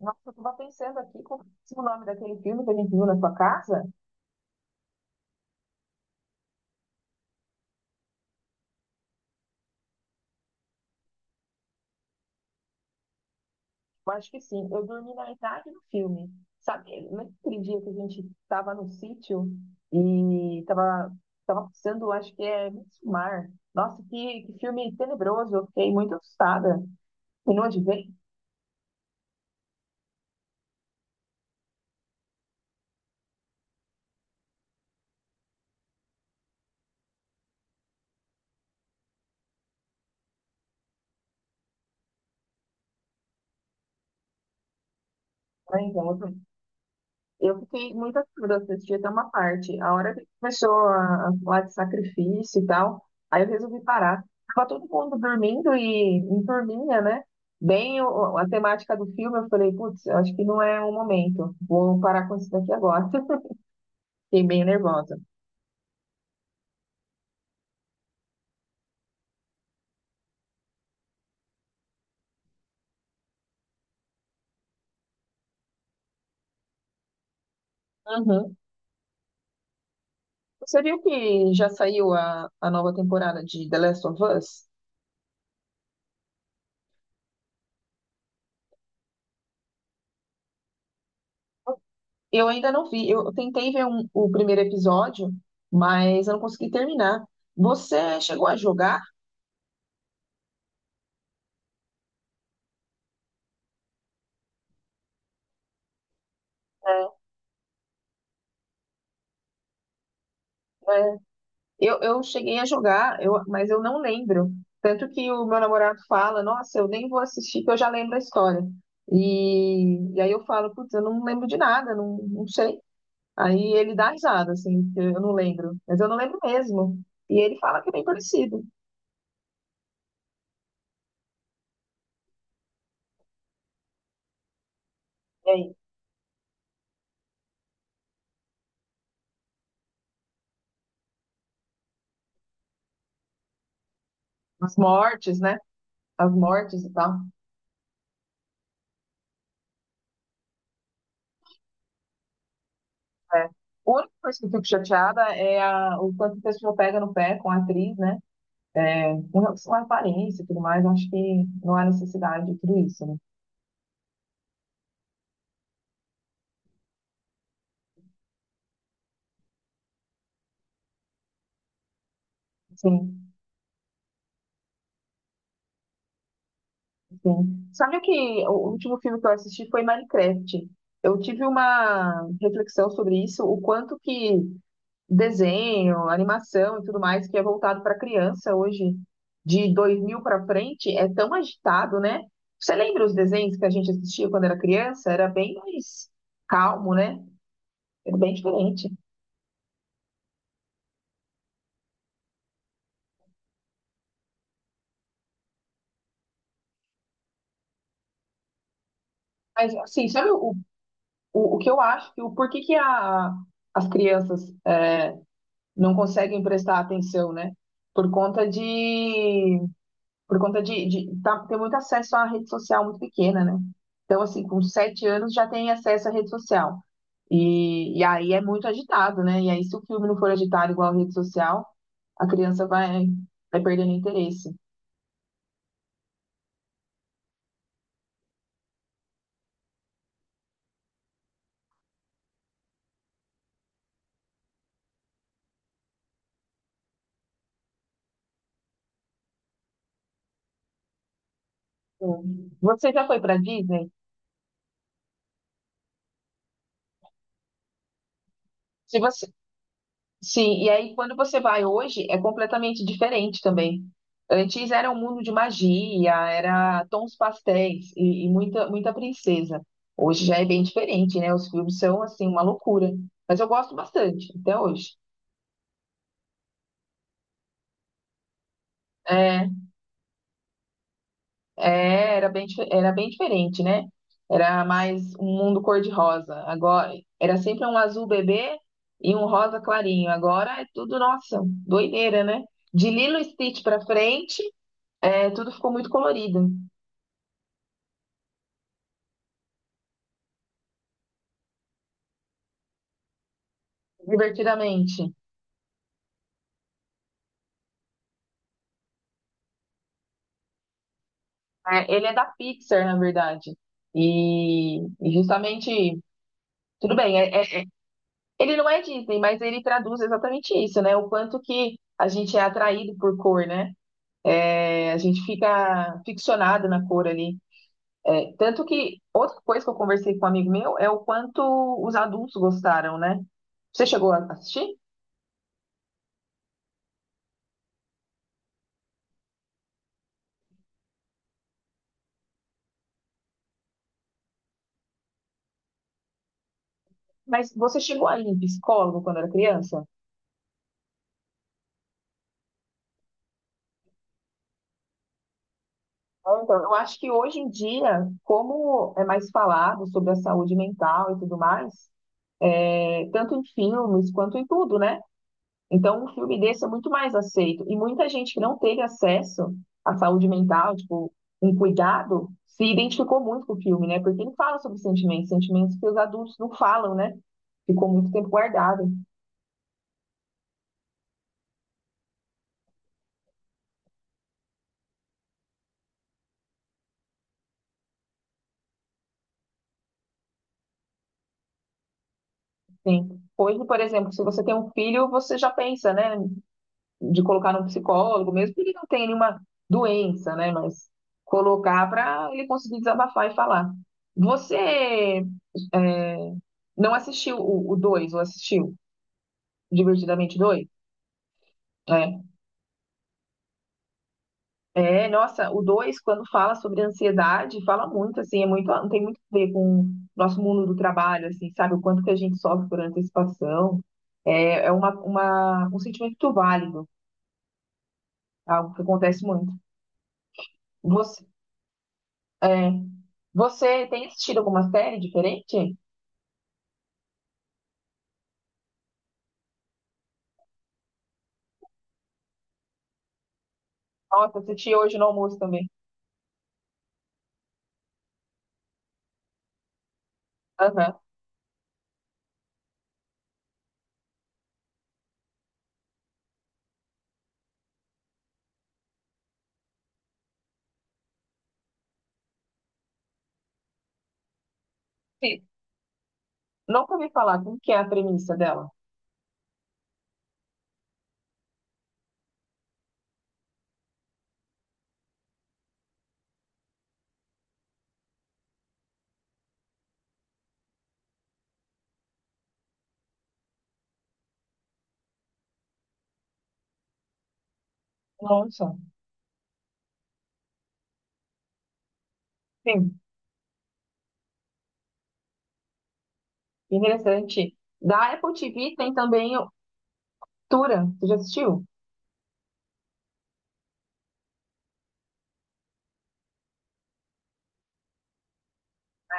Nossa, eu tava pensando aqui qual é o nome daquele filme que a gente viu na sua casa? Eu acho que sim, eu dormi na metade do filme. Sabe, naquele dia que a gente estava no sítio e estava tava passando, acho que é Midsommar. Nossa, que filme tenebroso, eu fiquei muito assustada. E não adivinhei, né? Então, assim, eu fiquei muito assustada, eu assisti até uma parte. A hora que começou a falar de sacrifício e tal, aí eu resolvi parar. Tava todo mundo dormindo e em turminha, né? Bem a temática do filme, eu falei, putz, eu acho que não é o momento. Vou parar com isso daqui agora. Fiquei bem nervosa. Uhum. Você viu que já saiu a nova temporada de The Last of Us? Eu ainda não vi. Eu tentei ver o primeiro episódio, mas eu não consegui terminar. Você chegou a jogar? Eu cheguei a jogar, eu, mas eu não lembro. Tanto que o meu namorado fala, nossa, eu nem vou assistir, que eu já lembro a história. E aí eu falo, putz, eu não lembro de nada, não, não sei. Aí ele dá risada, assim, porque eu não lembro. Mas eu não lembro mesmo. E ele fala que é bem parecido. E aí, as mortes, né? As mortes e tal. É. A única coisa que eu fico chateada é o quanto o pessoal pega no pé com a atriz, né? É, com relação à aparência e tudo mais, eu acho que não há necessidade de tudo isso, né? Sim. Sim. Sabe o que o último filme que eu assisti foi Minecraft. Eu tive uma reflexão sobre isso, o quanto que desenho, animação e tudo mais que é voltado para criança hoje, de 2000 para frente, é tão agitado, né? Você lembra os desenhos que a gente assistia quando era criança? Era bem mais calmo, né? Era bem diferente. Mas, assim, sabe o que eu acho que o porquê que as crianças é, não conseguem prestar atenção, né? Por conta de, por conta de, ter muito acesso à rede social muito pequena, né? Então, assim, com sete anos já tem acesso à rede social. E aí é muito agitado, né? E aí, se o filme não for agitado igual a rede social, a criança vai perdendo interesse. Sim. Você já foi para Disney? Se você, Sim, e aí quando você vai hoje é completamente diferente também. Antes era um mundo de magia, era tons pastéis e muita princesa. Hoje já é bem diferente, né? Os filmes são assim uma loucura. Mas eu gosto bastante até hoje. É, é, era bem diferente, né? Era mais um mundo cor-de-rosa. Agora era sempre um azul bebê e um rosa clarinho. Agora é tudo, nossa, doideira, né? De Lilo e Stitch pra frente. É, tudo ficou muito colorido, divertidamente. É, ele é da Pixar, na verdade. E justamente, tudo bem, ele não é Disney, mas ele traduz exatamente isso, né? O quanto que a gente é atraído por cor, né? É, a gente fica ficcionado na cor ali. É, tanto que outra coisa que eu conversei com um amigo meu é o quanto os adultos gostaram, né? Você chegou a assistir? Mas você chegou a ir em psicólogo quando era criança? É, então, eu acho que hoje em dia, como é mais falado sobre a saúde mental e tudo mais, é, tanto em filmes quanto em tudo, né? Então, um filme desse é muito mais aceito. E muita gente que não teve acesso à saúde mental, tipo, um cuidado, se identificou muito com o filme, né? Porque ele fala sobre sentimentos, sentimentos que os adultos não falam, né? Ficou muito tempo guardado. Sim. Hoje, por exemplo, se você tem um filho, você já pensa, né? De colocar num psicólogo mesmo, porque ele não tem nenhuma doença, né? Mas colocar para ele conseguir desabafar e falar. Você é, não assistiu o 2? Ou assistiu Divertidamente dois? É. É, nossa, o dois quando fala sobre ansiedade, fala muito, assim, tem muito a ver com o nosso mundo do trabalho, assim, sabe? O quanto que a gente sofre por antecipação. É, é um sentimento válido, algo que acontece muito. Você É. Você tem assistido alguma série diferente? Nossa, assisti hoje no almoço também. Aham. Sim. Nunca ouvi falar. Como que é a premissa dela? Nossa. Sim. Interessante. Da Apple TV tem também o Tura. Você já assistiu?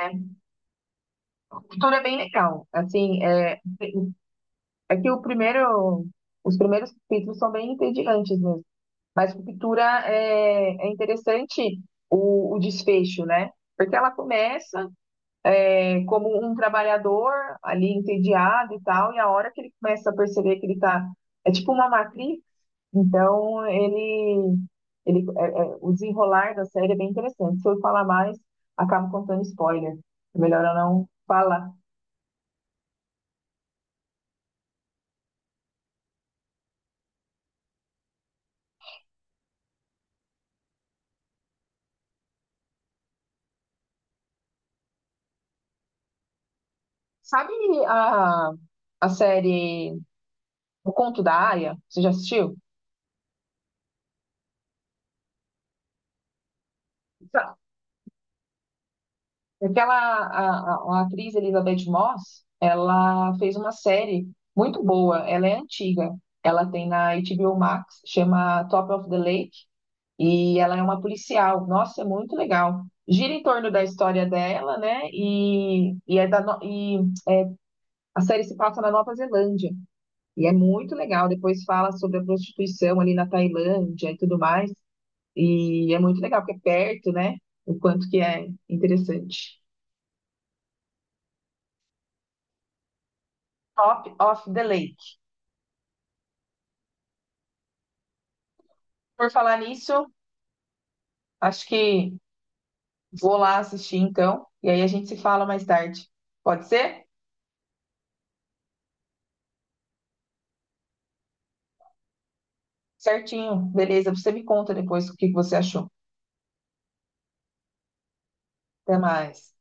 É. Tura é bem legal. Assim, é, é que os primeiros capítulos são bem entediantes mesmo. Mas Ruptura é, é interessante o desfecho, né? Porque ela começa como um trabalhador ali entediado e tal, e a hora que ele começa a perceber que ele tá, é tipo uma matriz, então ele o desenrolar da série é bem interessante. Se eu falar mais, acabo contando spoiler. É melhor eu não falar. Sabe a, a série O Conto da Aia? Você já assistiu? Aquela a atriz Elizabeth Moss, ela fez uma série muito boa, ela é antiga. Ela tem na HBO Max, chama Top of the Lake, e ela é uma policial. Nossa, é muito legal. Gira em torno da história dela, né? E, é da, no- e a série se passa na Nova Zelândia. E é muito legal. Depois fala sobre a prostituição ali na Tailândia e tudo mais. E é muito legal, porque é perto, né? O quanto que é interessante. Top of the Lake. Por falar nisso, acho que vou lá assistir então, e aí a gente se fala mais tarde. Pode ser? Certinho, beleza. Você me conta depois o que que você achou. Até mais.